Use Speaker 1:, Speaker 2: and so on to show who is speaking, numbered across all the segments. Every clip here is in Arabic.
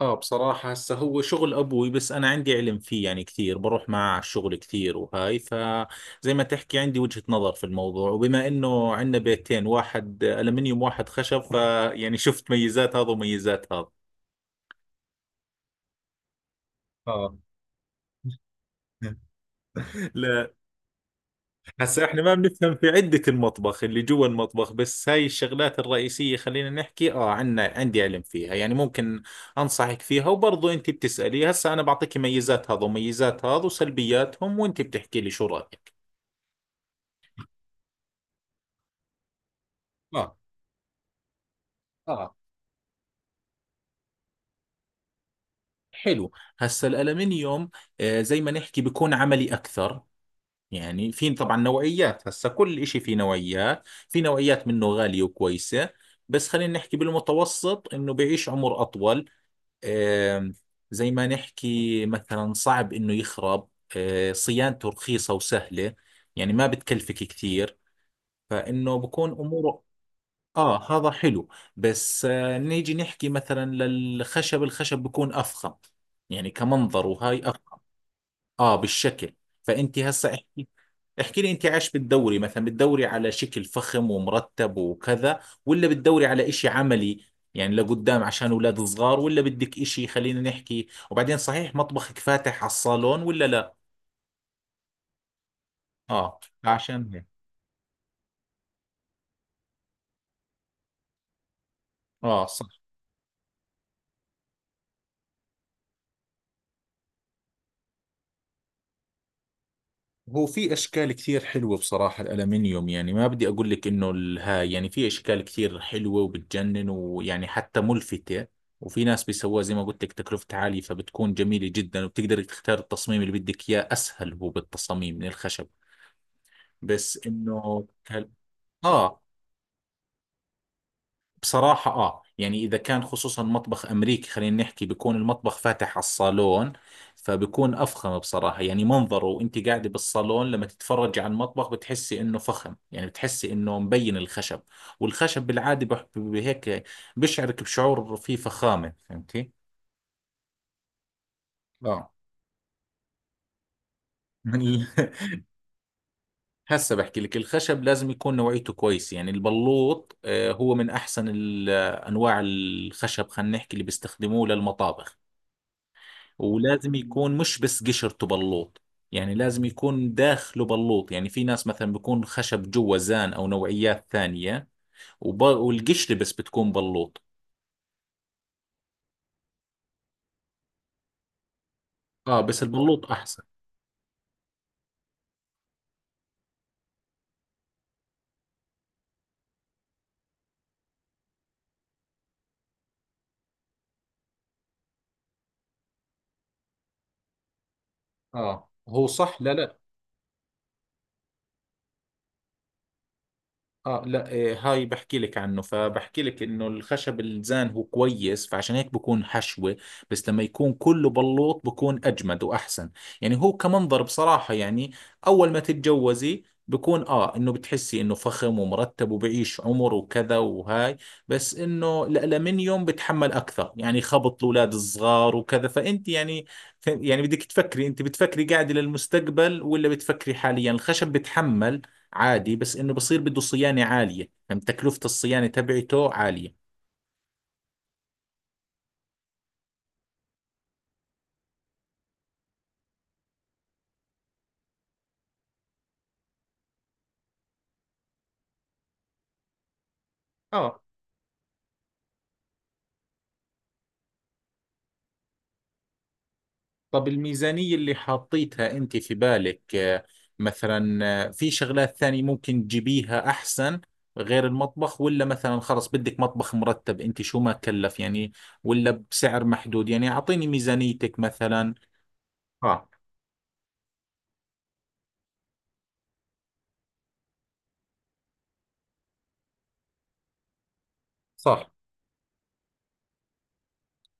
Speaker 1: اه، بصراحة هسه هو شغل ابوي، بس انا عندي علم فيه، يعني كثير بروح معه على الشغل كثير، وهاي فزي ما تحكي عندي وجهة نظر في الموضوع. وبما انه عندنا بيتين، واحد الومنيوم واحد خشب، فيعني شفت ميزات هذا وميزات هذا. اه. لا. هسا احنا ما بنفهم في عدة المطبخ اللي جوا المطبخ، بس هاي الشغلات الرئيسية خلينا نحكي عنا، عندي علم فيها، يعني ممكن انصحك فيها. وبرضو انت بتسألي، هسا انا بعطيك ميزات هذا وميزات هذا وسلبياتهم، وانت بتحكي لي شو رأيك. اه. اه. حلو. هسا الألمنيوم، زي ما نحكي بيكون عملي أكثر. يعني في طبعا نوعيات، هسا كل إشي فيه نوعيات، في نوعيات منه غالية وكويسة. بس خلينا نحكي بالمتوسط إنه بيعيش عمر أطول. آم، زي ما نحكي مثلا صعب انه يخرب. صيانته رخيصة وسهلة، يعني ما بتكلفك كثير، فانه بكون اموره. اه، هذا حلو. بس نيجي نحكي مثلا للخشب، الخشب بكون افخم، يعني كمنظر، وهاي افخم. اه، بالشكل. فانت هسه احكي لي انت عايش بالدوري مثلا، بالدوري على شكل فخم ومرتب وكذا، ولا بالدوري على اشي عملي؟ يعني لقدام عشان اولاد صغار، ولا بدك اشي، خلينا نحكي. وبعدين صحيح مطبخك فاتح على الصالون ولا لا؟ اه، عشان هيك. اه، هو في اشكال كثير حلوه بصراحه. الالمنيوم يعني ما بدي اقول لك انه الهاي، يعني في اشكال كثير حلوه وبتجنن، ويعني حتى ملفته. وفي ناس بيسووها، زي ما قلت لك، تكلفتها عاليه، فبتكون جميله جدا، وبتقدر تختار التصميم اللي بدك اياه. اسهل هو بالتصاميم من الخشب. بس انه اه. بصراحة، يعني إذا كان خصوصا مطبخ أمريكي، خلينا نحكي، بيكون المطبخ فاتح على الصالون، فبيكون أفخم بصراحة، يعني منظره. وأنت قاعدة بالصالون، لما تتفرجي على المطبخ بتحسي إنه فخم، يعني بتحسي إنه مبين الخشب. والخشب بالعادة بهيك بشعرك بشعور فيه فخامة، فهمتي؟ آه. من- ال- هسه بحكي لك، الخشب لازم يكون نوعيته كويس، يعني البلوط، هو من أحسن أنواع الخشب، خلينا نحكي، اللي بيستخدموه للمطابخ. ولازم يكون مش بس قشرته بلوط، يعني لازم يكون داخله بلوط. يعني في ناس مثلا بيكون خشب جوا زان او نوعيات ثانية، والقشرة بس بتكون بلوط. اه، بس البلوط احسن. اه، هو صح. لا، لا. اه، لا، هاي بحكي لك عنه. فبحكي لك انه الخشب الزان هو كويس، فعشان هيك بكون حشوة. بس لما يكون كله بلوط بكون اجمد واحسن. يعني هو كمنظر بصراحة، يعني اول ما تتجوزي بكون انه بتحسي انه فخم ومرتب وبعيش عمر وكذا وهاي. بس انه الالمنيوم بتحمل اكثر، يعني خبط الاولاد الصغار وكذا. فانت يعني، بدك تفكري، انت بتفكري قاعدة للمستقبل ولا بتفكري حاليا؟ الخشب بتحمل عادي، بس انه بصير بده صيانة عالية، فهم تكلفة الصيانة تبعته عالية. اه. طب الميزانية اللي حاطيتها انت في بالك، مثلا في شغلات ثانية ممكن تجيبيها احسن غير المطبخ؟ ولا مثلا خلص بدك مطبخ مرتب انت شو ما كلف يعني؟ ولا بسعر محدود؟ يعني اعطيني ميزانيتك مثلا. اه، صح.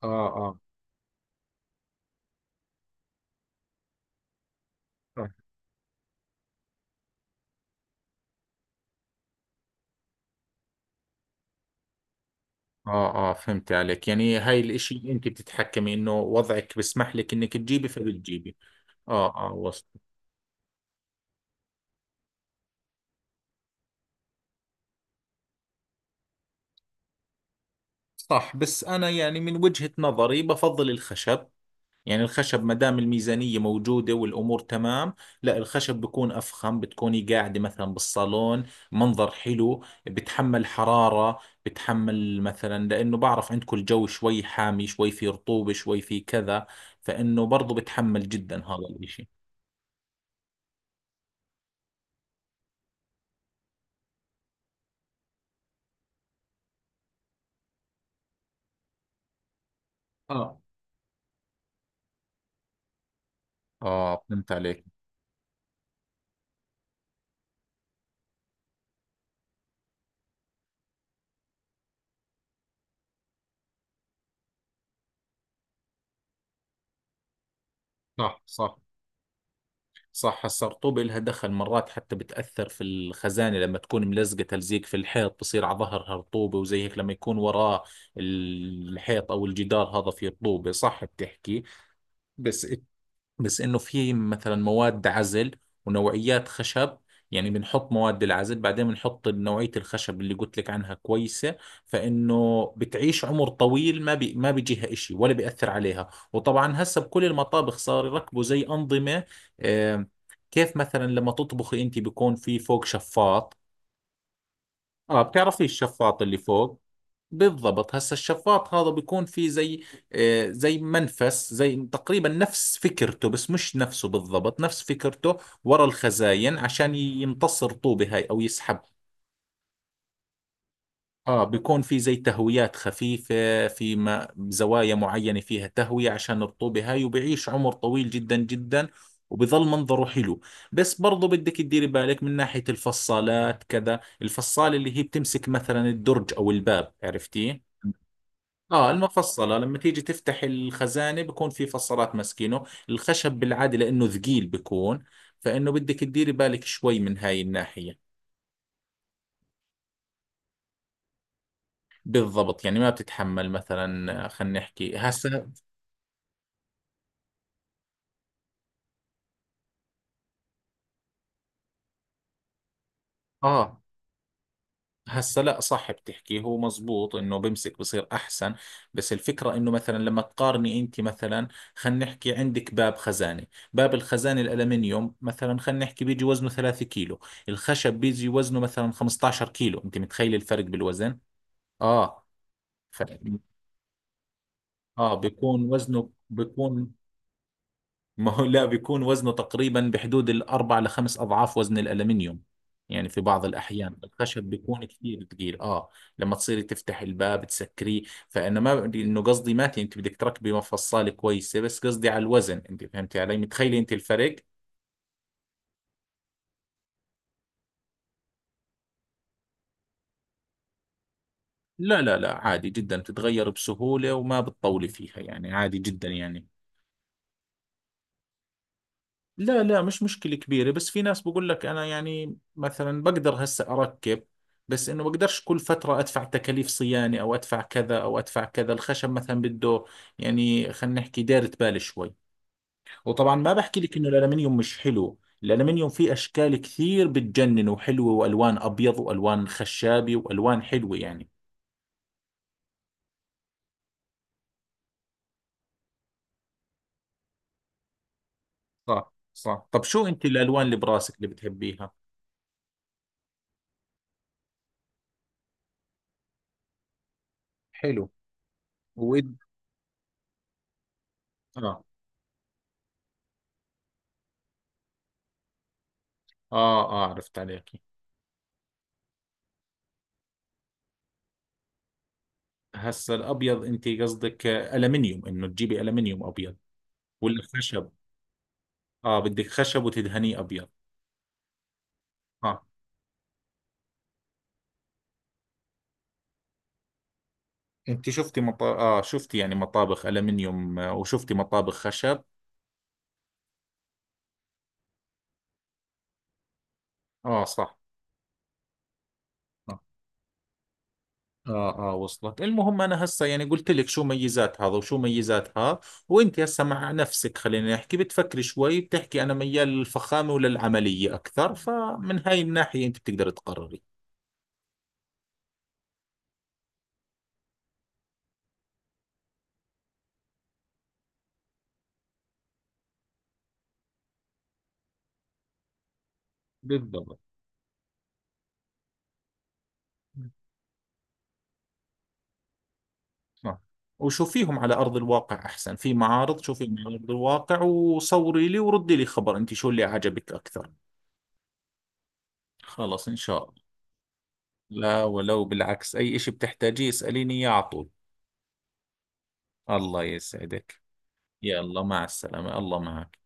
Speaker 1: اه. اه. اه. اه، فهمت عليك. يعني هاي الاشي انت بتتحكمي انه وضعك بسمح لك انك تجيبي، فبتجيبي. اه، اه، وصل. صح. بس أنا يعني، من وجهة نظري، بفضل الخشب. يعني الخشب ما دام الميزانية موجودة والأمور تمام، لا، الخشب بكون أفخم. بتكوني قاعدة مثلا بالصالون، منظر حلو. بتحمل حرارة، بتحمل مثلا، لأنه بعرف عندكم الجو شوي حامي، شوي في رطوبة، شوي في كذا، فإنه برضو بتحمل جدا هذا الإشي. اه، آه، فهمت عليك. صح، صح، صح. السرطوبة لها دخل مرات، حتى بتأثر في الخزانة لما تكون ملزقة تلزيق في الحيط، بصير على ظهرها رطوبة. وزي هيك لما يكون وراه الحيط أو الجدار هذا فيه رطوبة، صح بتحكي. بس بس انه في مثلا مواد عزل ونوعيات خشب، يعني بنحط مواد العزل، بعدين بنحط نوعية الخشب اللي قلت لك عنها كويسة، فإنه بتعيش عمر طويل. ما بيجيها إشي ولا بيأثر عليها. وطبعا هسه بكل المطابخ صار يركبوا زي أنظمة، آه، كيف مثلا لما تطبخي أنت بيكون في فوق شفاط. اه، بتعرفي الشفاط اللي فوق. بالضبط. هسا الشفاط هذا بيكون فيه زي، زي منفس، زي تقريبا نفس فكرته بس مش نفسه بالضبط، نفس فكرته، ورا الخزاين عشان يمتص الرطوبة هاي أو يسحب. آه، بيكون في زي تهويات خفيفة، في ما زوايا معينة فيها تهوية عشان الرطوبة هاي، وبيعيش عمر طويل جدا جدا، وبظل منظره حلو. بس برضو بدك تديري بالك من ناحية الفصالات كذا، الفصالة اللي هي بتمسك مثلا الدرج أو الباب، عرفتيه؟ اه، المفصلة لما تيجي تفتح الخزانة بكون في فصلات ماسكينه. الخشب بالعادة لأنه ثقيل بكون، فإنه بدك تديري بالك شوي من هاي الناحية. بالضبط، يعني ما بتتحمل مثلا، خلينا نحكي هسه. اه. هسا، لا، صح بتحكي. هو مزبوط انه بمسك بصير احسن. بس الفكرة انه مثلا لما تقارني انت مثلا، خلينا نحكي عندك باب خزانة. باب الخزانة الالمنيوم مثلا خلينا نحكي بيجي وزنه 3 كيلو. الخشب بيجي وزنه مثلا 15 كيلو. انت متخيل الفرق بالوزن؟ اه. ف... اه بيكون وزنه بيكون. ما هو لا، بيكون وزنه تقريبا بحدود الأربع لخمس أضعاف وزن الألمنيوم. يعني في بعض الأحيان الخشب بيكون كثير ثقيل، آه، لما تصيري تفتح الباب تسكريه. فأنا ما بدي إنه، قصدي، ماتي أنت بدك تركبي مفصلة كويسة، بس قصدي على الوزن، أنت فهمتي علي؟ متخيلي أنت الفرق؟ لا، لا، لا، عادي جدا بتتغير بسهولة، وما بتطولي فيها، يعني عادي جدا يعني. لا، لا، مش مشكلة كبيرة. بس في ناس بقول لك أنا يعني مثلا بقدر هسه أركب، بس إنه بقدرش كل فترة أدفع تكاليف صيانة، أو أدفع كذا أو أدفع كذا. الخشب مثلا بده يعني، خلينا نحكي دايرة بال شوي. وطبعا ما بحكي لك إنه الألمنيوم مش حلو، الألمنيوم فيه أشكال كثير بتجنن وحلوة، وألوان أبيض وألوان خشابي وألوان حلوة يعني. صح، صح. طب شو أنت الألوان اللي براسك اللي بتحبيها؟ حلو. وإد. آه، آه، آه، عرفت عليك. هسا الابيض، انت قصدك الومنيوم، انه تجيبي الومنيوم ابيض ولا خشب؟ اه، بدك خشب وتدهنيه ابيض. اه، انت شفتي مط... اه شفتي يعني مطابخ الومنيوم، وشفتي مطابخ خشب. اه، صح. اه، اه، وصلت. المهم انا هسا يعني قلت لك شو ميزات هذا وشو ميزات هذا، وانت هسا مع نفسك خلينا نحكي، بتفكري شوي، بتحكي انا ميال للفخامه وللعمليه اكثر، فمن هاي الناحيه انت بتقدر تقرري. بالضبط. صح. وشوفيهم على أرض الواقع أحسن، في معارض، شوفيهم على أرض الواقع، وصوري لي وردي لي خبر أنت شو اللي عجبك أكثر. خلص إن شاء الله. لا، ولو، بالعكس، أي إشي بتحتاجيه اسأليني إياه على طول. الله يسعدك. يلا، مع السلامة، الله معك.